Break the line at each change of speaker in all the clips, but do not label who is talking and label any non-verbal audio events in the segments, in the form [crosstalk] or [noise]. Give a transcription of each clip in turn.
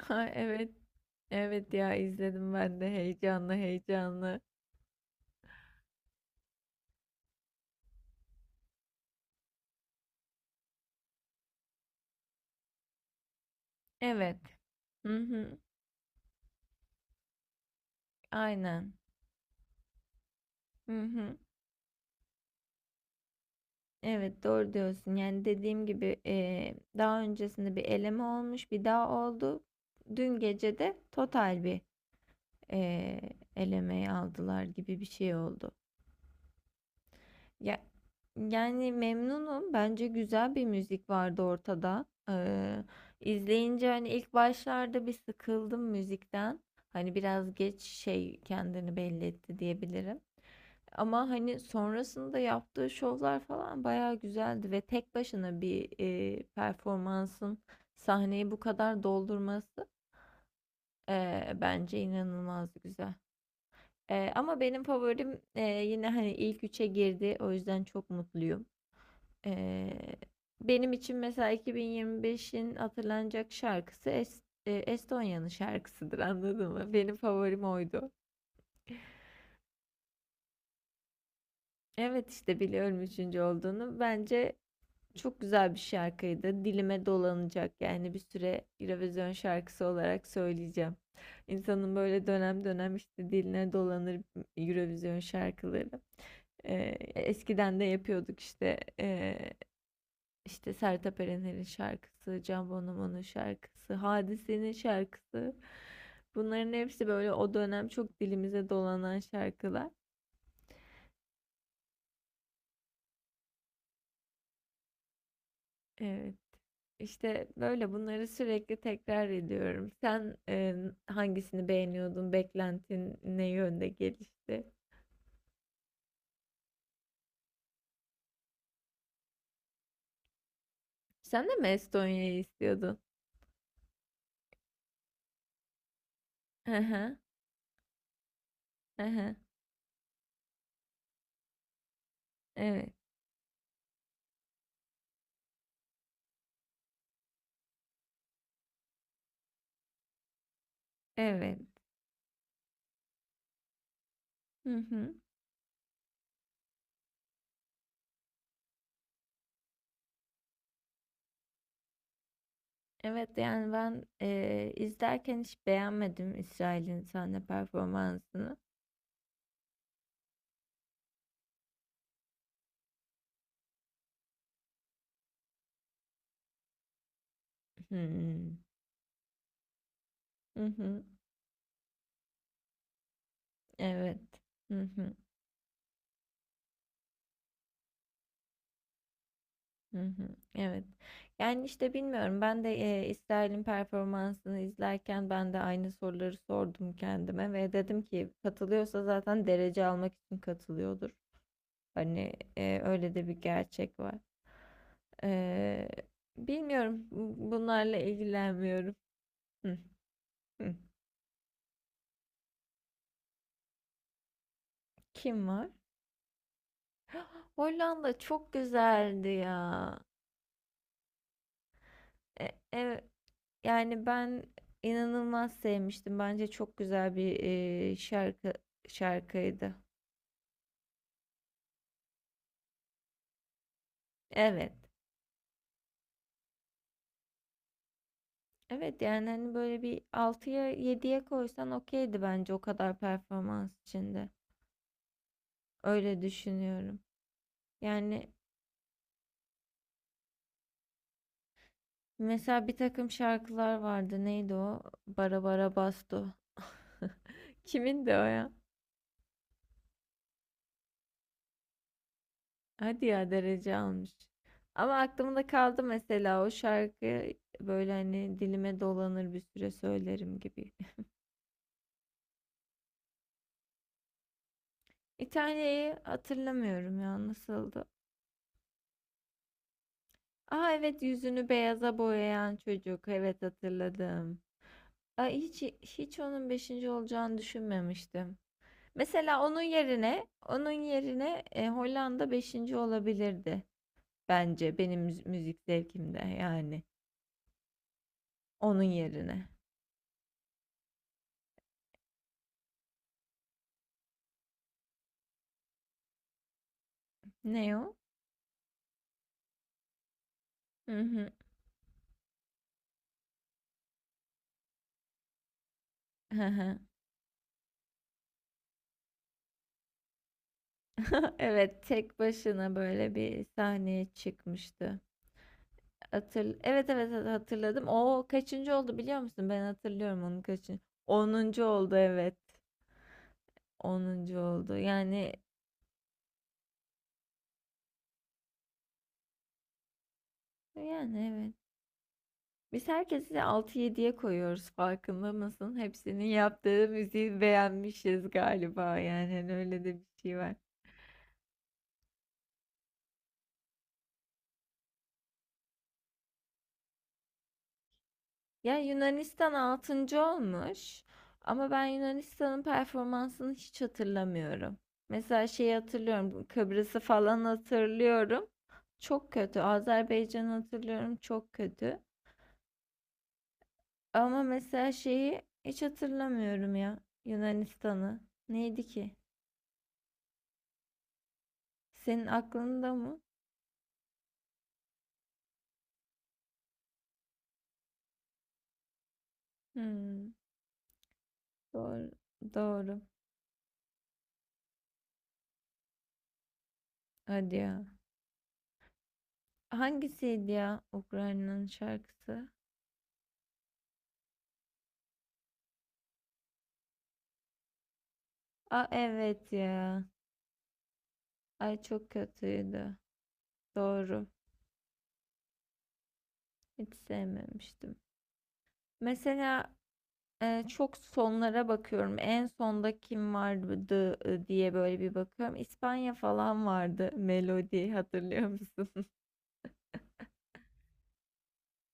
Ha, evet. Evet ya izledim ben de heyecanlı heyecanlı. Evet. Hı hı. Aynen. Hı hı. Evet doğru diyorsun. Yani dediğim gibi daha öncesinde bir eleme olmuş, bir daha oldu. Dün gece de total bir eee elemeyi aldılar gibi bir şey oldu. Ya, yani memnunum. Bence güzel bir müzik vardı ortada. İzleyince hani ilk başlarda bir sıkıldım müzikten. Hani biraz geç şey kendini belli etti diyebilirim. Ama hani sonrasında yaptığı şovlar falan bayağı güzeldi ve tek başına bir performansın sahneyi bu kadar doldurması bence inanılmaz güzel. Ama benim favorim yine hani ilk üçe girdi. O yüzden çok mutluyum. Ee, Benim için mesela 2025'in hatırlanacak şarkısı Estonya'nın şarkısıdır, anladın mı? Benim favorim oydu. Evet, işte biliyorum üçüncü olduğunu. Bence çok güzel bir şarkıydı. Dilime dolanacak yani bir süre Eurovision şarkısı olarak söyleyeceğim. İnsanın böyle dönem dönem işte diline dolanır Eurovision şarkıları. Eskiden de yapıyorduk işte. İşte Sertab Erener'in şarkısı, Can Bonomo'nun şarkısı, Hadise'nin şarkısı. Bunların hepsi böyle o dönem çok dilimize dolanan şarkılar. Evet. İşte böyle bunları sürekli tekrar ediyorum. Sen hangisini beğeniyordun? Beklentin ne yönde gelişti? Sen de mi Estonya'yı istiyordun? Hı hı, hı hı. Evet, evet. Hı hı. Evet yani ben izlerken hiç beğenmedim İsrail'in sahne performansını. Hmm. Hı hı. Evet. Hı hı. Hı hı. Evet. Yani, işte, bilmiyorum. Ben de, İsrail'in performansını izlerken ben de aynı soruları sordum kendime ve dedim ki katılıyorsa zaten derece almak için katılıyordur. Hani, öyle de bir gerçek var. Eee, Bilmiyorum. Bunlarla ilgilenmiyorum. Hıh. Hıh. Kim var? Hollanda çok güzeldi ya. E ev Yani ben inanılmaz sevmiştim. Bence çok güzel bir e, şarkı şarkıydı. Evet. Evet yani hani böyle bir altıya yediye koysan okeydi bence o kadar performans içinde. Öyle düşünüyorum. Yani mesela bir takım şarkılar vardı. Neydi o? Bara Bara Basto. [laughs] Kimin de o ya? Hadi ya, derece almış. Ama aklımda kaldı mesela o şarkı, böyle hani dilime dolanır bir süre söylerim gibi. İtalya'yı hatırlamıyorum ya, nasıldı? Aa, evet, yüzünü beyaza boyayan çocuk. Evet, hatırladım. Aa, hiç hiç onun beşinci olacağını düşünmemiştim. Mesela onun yerine Hollanda beşinci olabilirdi bence benim müzik zevkimde, yani onun yerine. Ne o? Hı hı. Hı hı. [laughs] Evet, tek başına böyle bir sahneye çıkmıştı. Evet, evet, hatırladım. O kaçıncı oldu, biliyor musun? Ben hatırlıyorum onun kaçıncı. 10. oldu, evet. 10. oldu. Yani, evet. Biz herkesi altı yediye koyuyoruz, farkında mısın? Hepsinin yaptığı müziği beğenmişiz galiba. Yani hani öyle de bir şey var. Ya, Yunanistan 6. olmuş ama ben Yunanistan'ın performansını hiç hatırlamıyorum. Mesela şeyi hatırlıyorum, bu Kıbrıs'ı falan hatırlıyorum. Çok kötü. Azerbaycan'ı hatırlıyorum, çok kötü. Ama mesela şeyi hiç hatırlamıyorum ya, Yunanistan'ı. Neydi ki? Senin aklında mı? Hmm, doğru, doğru. Hadi ya. Hangisiydi ya Ukrayna'nın şarkısı? Aa, evet ya. Ay, çok kötüydü. Doğru. Hiç sevmemiştim. Mesela çok sonlara bakıyorum. En sonda kim vardı diye böyle bir bakıyorum. İspanya falan vardı. Melodi, hatırlıyor musun?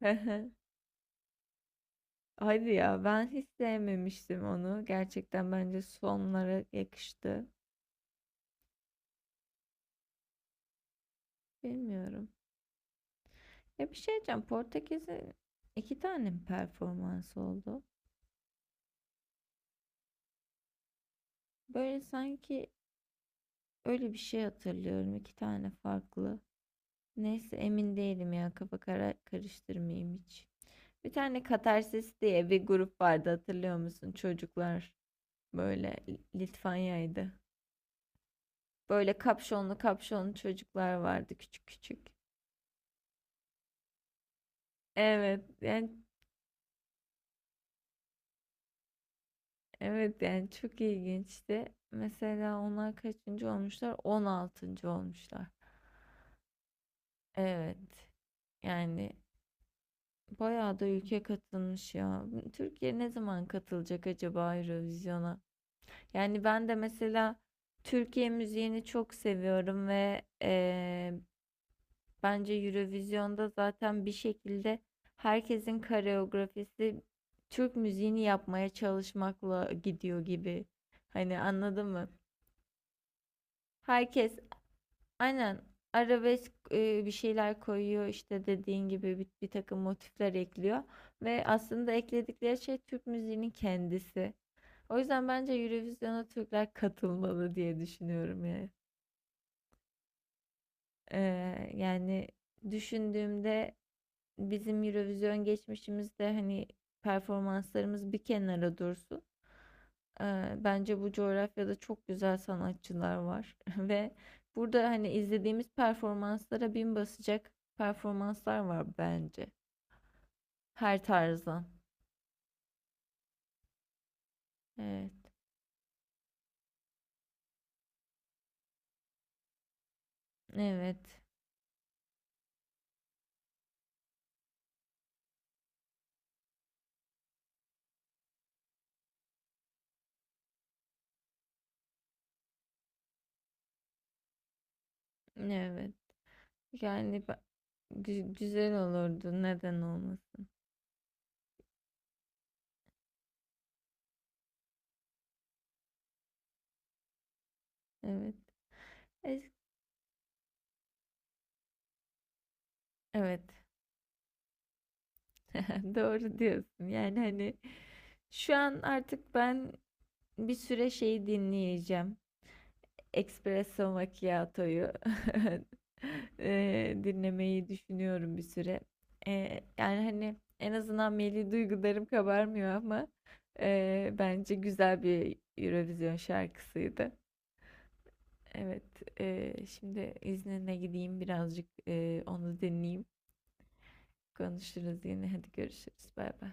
[laughs] Hadi ya, ben hiç sevmemiştim onu. Gerçekten bence sonlara yakıştı. Bilmiyorum. Ya, bir şey diyeceğim. Portekiz'in iki tane mi performansı oldu? Böyle sanki öyle bir şey hatırlıyorum. İki tane farklı. Neyse, emin değilim ya. Kafa karıştırmayayım hiç. Bir tane Katarsis diye bir grup vardı, hatırlıyor musun? Çocuklar böyle Litvanya'ydı. Böyle kapşonlu kapşonlu çocuklar vardı, küçük küçük. Evet yani evet yani çok ilginçti. Mesela onlar kaçıncı olmuşlar? 16. olmuşlar. Evet. Yani bayağı da ülke katılmış ya. Türkiye ne zaman katılacak acaba Eurovision'a? Yani ben de mesela Türkiye müziğini çok seviyorum ve bence Eurovision'da zaten bir şekilde herkesin koreografisi Türk müziğini yapmaya çalışmakla gidiyor gibi. Hani, anladın mı? Herkes aynen arabesk bir şeyler koyuyor işte, dediğin gibi bir takım motifler ekliyor ve aslında ekledikleri şey Türk müziğinin kendisi. O yüzden bence Eurovision'a Türkler katılmalı diye düşünüyorum yani. Yani düşündüğümde bizim Eurovision geçmişimizde hani performanslarımız bir kenara dursun. Bence bu coğrafyada çok güzel sanatçılar var [laughs] ve burada hani izlediğimiz performanslara bin basacak performanslar var bence. Her tarzdan. Evet, evet, evet. Yani güzel olurdu. Neden olmasın? Evet. Es- Evet. [laughs] Doğru diyorsun. Yani hani şu an artık ben bir süre şey dinleyeceğim. Espresso Macchiato'yu [laughs] dinlemeyi düşünüyorum bir süre. Yani hani en azından milli duygularım kabarmıyor ama bence güzel bir Eurovision şarkısıydı. Evet, şimdi iznine gideyim birazcık onu dinleyeyim. Konuşuruz yine. Hadi görüşürüz. Bay bay.